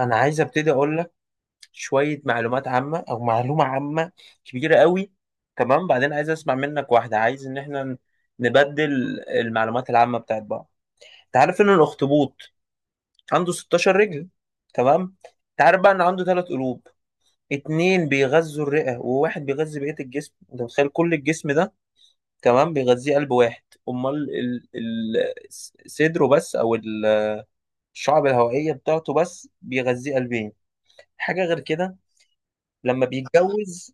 انا عايز ابتدي اقول لك شويه معلومات عامه او معلومه عامه كبيره قوي. تمام، بعدين عايز اسمع منك واحده. عايز ان احنا نبدل المعلومات العامه بتاعت بعض. انت عارف ان الاخطبوط عنده 16 رجل؟ تمام. انت عارف بقى ان عنده ثلاث قلوب؟ اتنين بيغذوا الرئه وواحد بيغذي بقيه الجسم. انت متخيل كل الجسم ده، تمام، بيغذيه قلب واحد؟ امال صدره بس او الشعب الهوائيه بتاعته بس بيغذيه قلبين؟ حاجه غير كده، لما بيتجوز.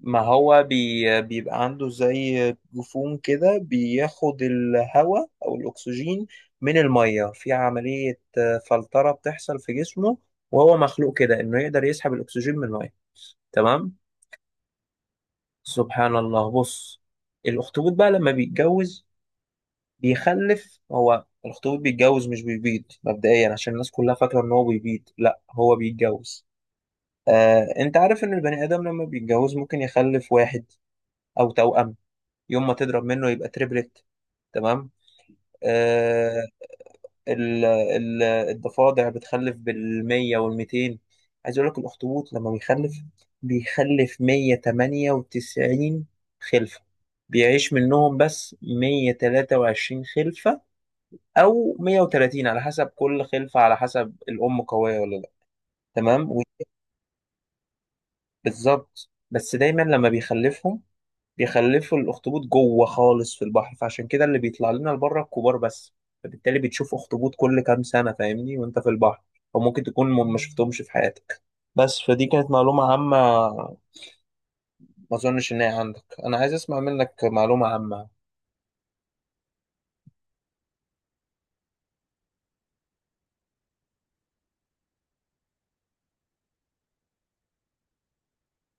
ما هو بيبقى عنده زي جفون كده، بياخد الهواء أو الأكسجين من المية في عملية فلترة بتحصل في جسمه، وهو مخلوق كده إنه يقدر يسحب الأكسجين من المية. تمام. سبحان الله. بص، الأخطبوط بقى لما بيتجوز بيخلف. هو الأخطبوط بيتجوز، مش بيبيض، مبدئيا، عشان الناس كلها فاكرة إن هو بيبيض. لا، هو بيتجوز. أنت عارف إن البني آدم لما بيتجوز ممكن يخلف واحد أو توأم، يوم ما تضرب منه يبقى تريبلت. تمام. آه. ال ال الضفادع بتخلف بالمية والميتين. عايز اقول لك الاخطبوط لما بيخلف، بيخلف 198 خلفة. بيعيش منهم بس 123 خلفة او 130، على حسب كل خلفة، على حسب الام قوية ولا لا. تمام. بالظبط. بس دايما لما بيخلفهم بيخلفوا الاخطبوط جوه خالص في البحر، فعشان كده اللي بيطلع لنا لبره الكبار بس. فبالتالي بتشوف اخطبوط كل كام سنه، فاهمني، وانت في البحر، وممكن تكون ما شفتهمش في حياتك. بس فدي كانت معلومه عامه ما اظنش ان هي عندك. انا عايز اسمع منك معلومه عامه.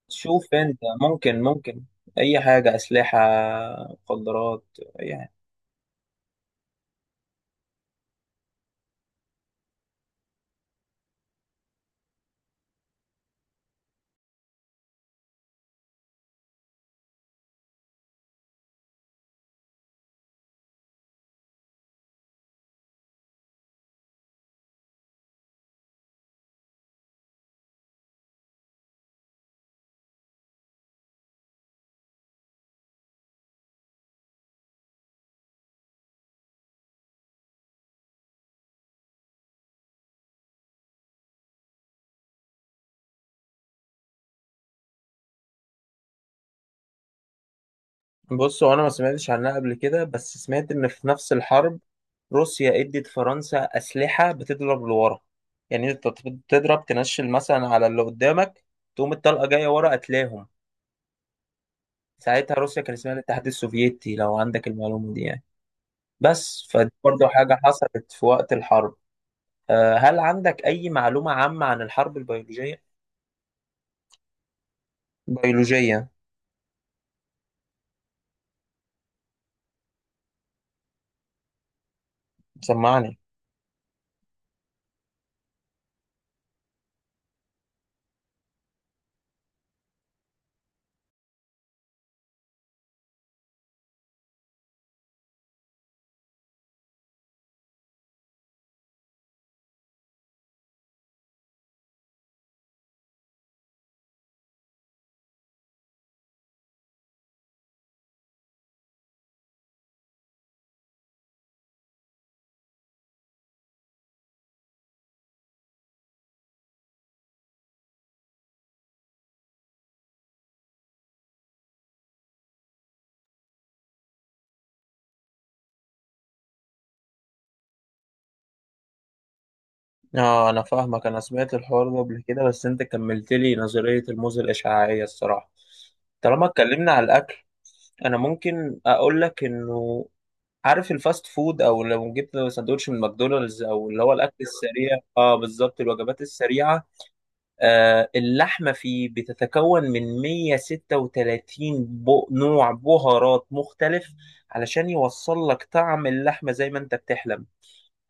شوف انت، ممكن اي حاجه، اسلحه، مخدرات، يعني. بص، هو انا ما سمعتش عنها قبل كده، بس سمعت ان في نفس الحرب روسيا ادت فرنسا اسلحه بتضرب لورا. يعني انت تضرب تنشل مثلا على اللي قدامك، تقوم الطلقه جايه ورا قتلاهم. ساعتها روسيا كان اسمها الاتحاد السوفيتي، لو عندك المعلومه دي يعني. بس فدي برضه حاجه حصلت في وقت الحرب. هل عندك اي معلومه عامه عن الحرب البيولوجيه؟ بيولوجيه. سمعني. اه، انا فاهمك. انا سمعت الحوار ده قبل كده، بس انت كملت لي نظريه الموزة الاشعاعيه، الصراحه. طالما اتكلمنا على الاكل، انا ممكن اقول لك انه، عارف الفاست فود، او لو جبت سندوتش من ماكدونالدز او اللي هو الاكل السريع، بالظبط الوجبات السريعه. اللحمه فيه بتتكون من 136 نوع بهارات مختلف، علشان يوصل لك طعم اللحمه زي ما انت بتحلم،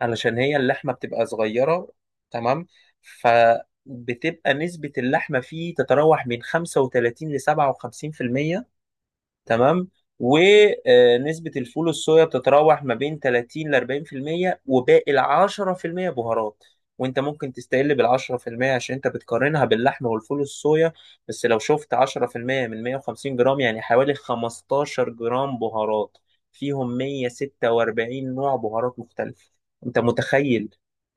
علشان هي اللحمه بتبقى صغيره. تمام. فبتبقى نسبه اللحمه فيه تتراوح من 35 ل 57%. تمام. ونسبة الفول الصويا بتتراوح ما بين 30 ل 40%، وباقي ال 10% بهارات. وانت ممكن تستقل بال 10% عشان انت بتقارنها باللحمة والفول الصويا، بس لو شفت 10% من 150 جرام يعني حوالي 15 جرام بهارات، فيهم 146 نوع بهارات مختلفة. انت متخيل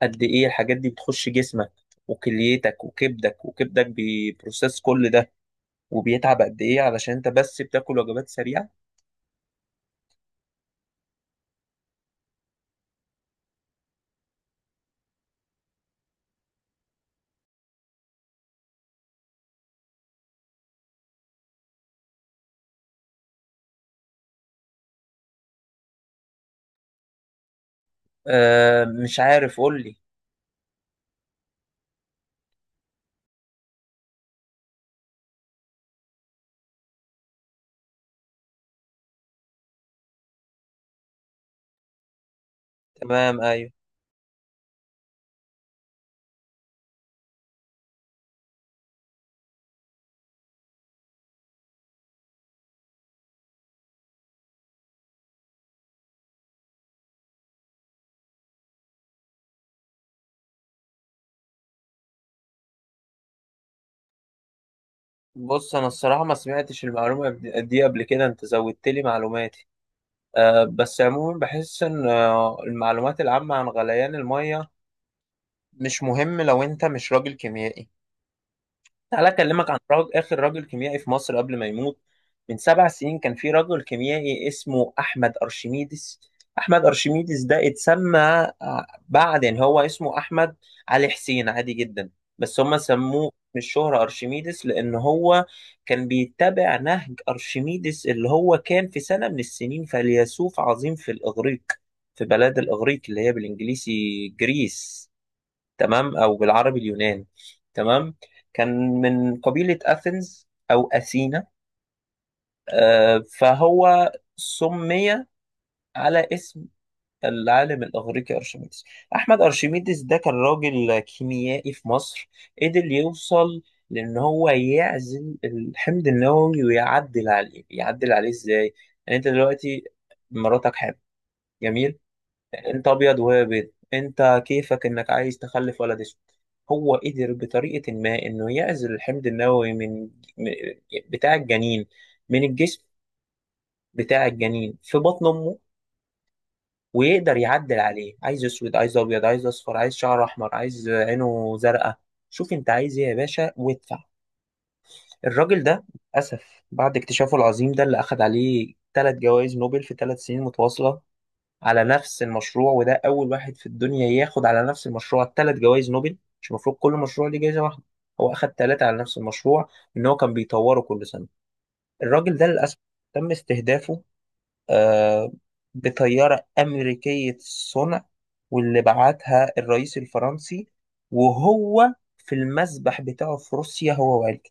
قد ايه الحاجات دي بتخش جسمك وكليتك وكبدك، وكبدك بيبروسيس كل ده وبيتعب قد ايه، علشان انت بس بتاكل وجبات سريعة؟ آه، مش عارف، قول لي. تمام، ايوه. بص انا الصراحه ما سمعتش المعلومه دي قبل كده، انت زودت لي معلوماتي. بس عموما بحس ان المعلومات العامه عن غليان الميه مش مهم لو انت مش راجل كيميائي. تعالى أكلمك عن آخر راجل كيميائي في مصر قبل ما يموت. من 7 سنين كان في راجل كيميائي اسمه أحمد أرشميدس. أحمد أرشميدس ده اتسمى بعد، يعني هو اسمه أحمد علي حسين، عادي جدا، بس هم سموه من الشهرة أرشميدس، لأن هو كان بيتبع نهج أرشميدس اللي هو كان في سنة من السنين فيلسوف عظيم في الإغريق، في بلاد الإغريق اللي هي بالإنجليزي جريس، تمام، او بالعربي اليونان. تمام. كان من قبيلة اثينز او اثينا. فهو سمي على اسم العالم الاغريقي ارشميدس. احمد ارشميدس ده كان راجل كيميائي في مصر، قدر يوصل لان هو يعزل الحمض النووي ويعدل عليه. يعدل عليه ازاي؟ يعني انت دلوقتي مراتك حامل، جميل، انت ابيض وهي بيض، انت كيفك انك عايز تخلف ولد اسود. هو قدر بطريقة ما انه يعزل الحمض النووي من من- بتاع الجنين، من الجسم بتاع الجنين في بطن امه، ويقدر يعدل عليه. عايز اسود، عايز ابيض، عايز اصفر، عايز شعر احمر، عايز عينه زرقاء، شوف انت عايز ايه يا باشا وادفع. الراجل ده، للاسف، بعد اكتشافه العظيم ده اللي اخد عليه ثلاث جوائز نوبل في ثلاث سنين متواصلة على نفس المشروع، وده أول واحد في الدنيا ياخد على نفس المشروع ثلاث جوائز نوبل، مش المفروض كل مشروع ليه جايزة واحدة؟ هو أخد ثلاثة على نفس المشروع، إن هو كان بيطوره كل سنة. الراجل ده للأسف تم استهدافه آه بطيارة أمريكية الصنع، واللي بعتها الرئيس الفرنسي، وهو في المسبح بتاعه في روسيا هو وعيلته.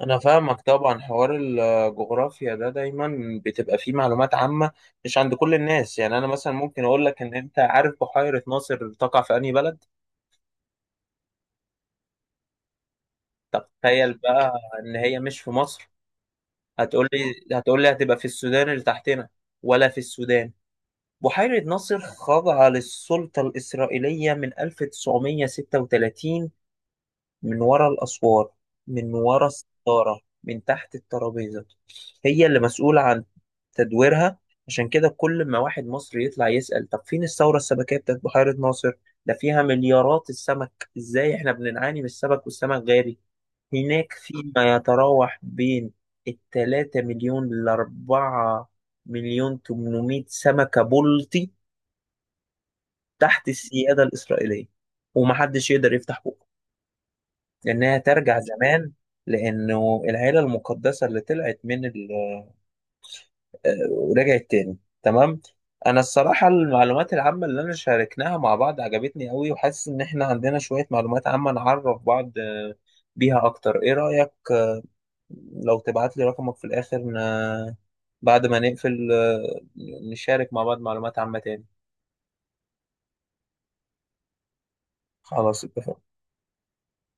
انا فاهمك. طبعا حوار الجغرافيا ده دايما بتبقى فيه معلومات عامة مش عند كل الناس. يعني انا مثلا ممكن اقول لك ان، انت عارف بحيرة ناصر تقع في انهي بلد؟ طب تخيل بقى ان هي مش في مصر. هتقول لي هتبقى في السودان اللي تحتنا؟ ولا في السودان. بحيرة ناصر خاضعة للسلطة الإسرائيلية من 1936، من ورا الأسوار، من ورا الستارة، من تحت الترابيزة. هي اللي مسؤولة عن تدويرها. عشان كده كل ما واحد مصري يطلع يسأل طب فين الثورة السمكية بتاعت بحيرة ناصر، ده فيها مليارات السمك، ازاي احنا بنعاني من السمك والسمك غالي؟ هناك فيما يتراوح بين التلاتة مليون لأربعة مليون تمنمية سمكة بلطي تحت السيادة الإسرائيلية، ومحدش يقدر يفتح بقه. لأنها ترجع زمان، لأنه العيلة المقدسة اللي طلعت من، ورجعت تاني. تمام. انا الصراحه المعلومات العامه اللي انا شاركناها مع بعض عجبتني قوي، وحاسس ان احنا عندنا شويه معلومات عامه نعرف بعض بيها اكتر. ايه رايك لو تبعت لي رقمك في الاخر بعد ما نقفل، نشارك مع بعض معلومات عامه تاني؟ خلاص، اتفقنا.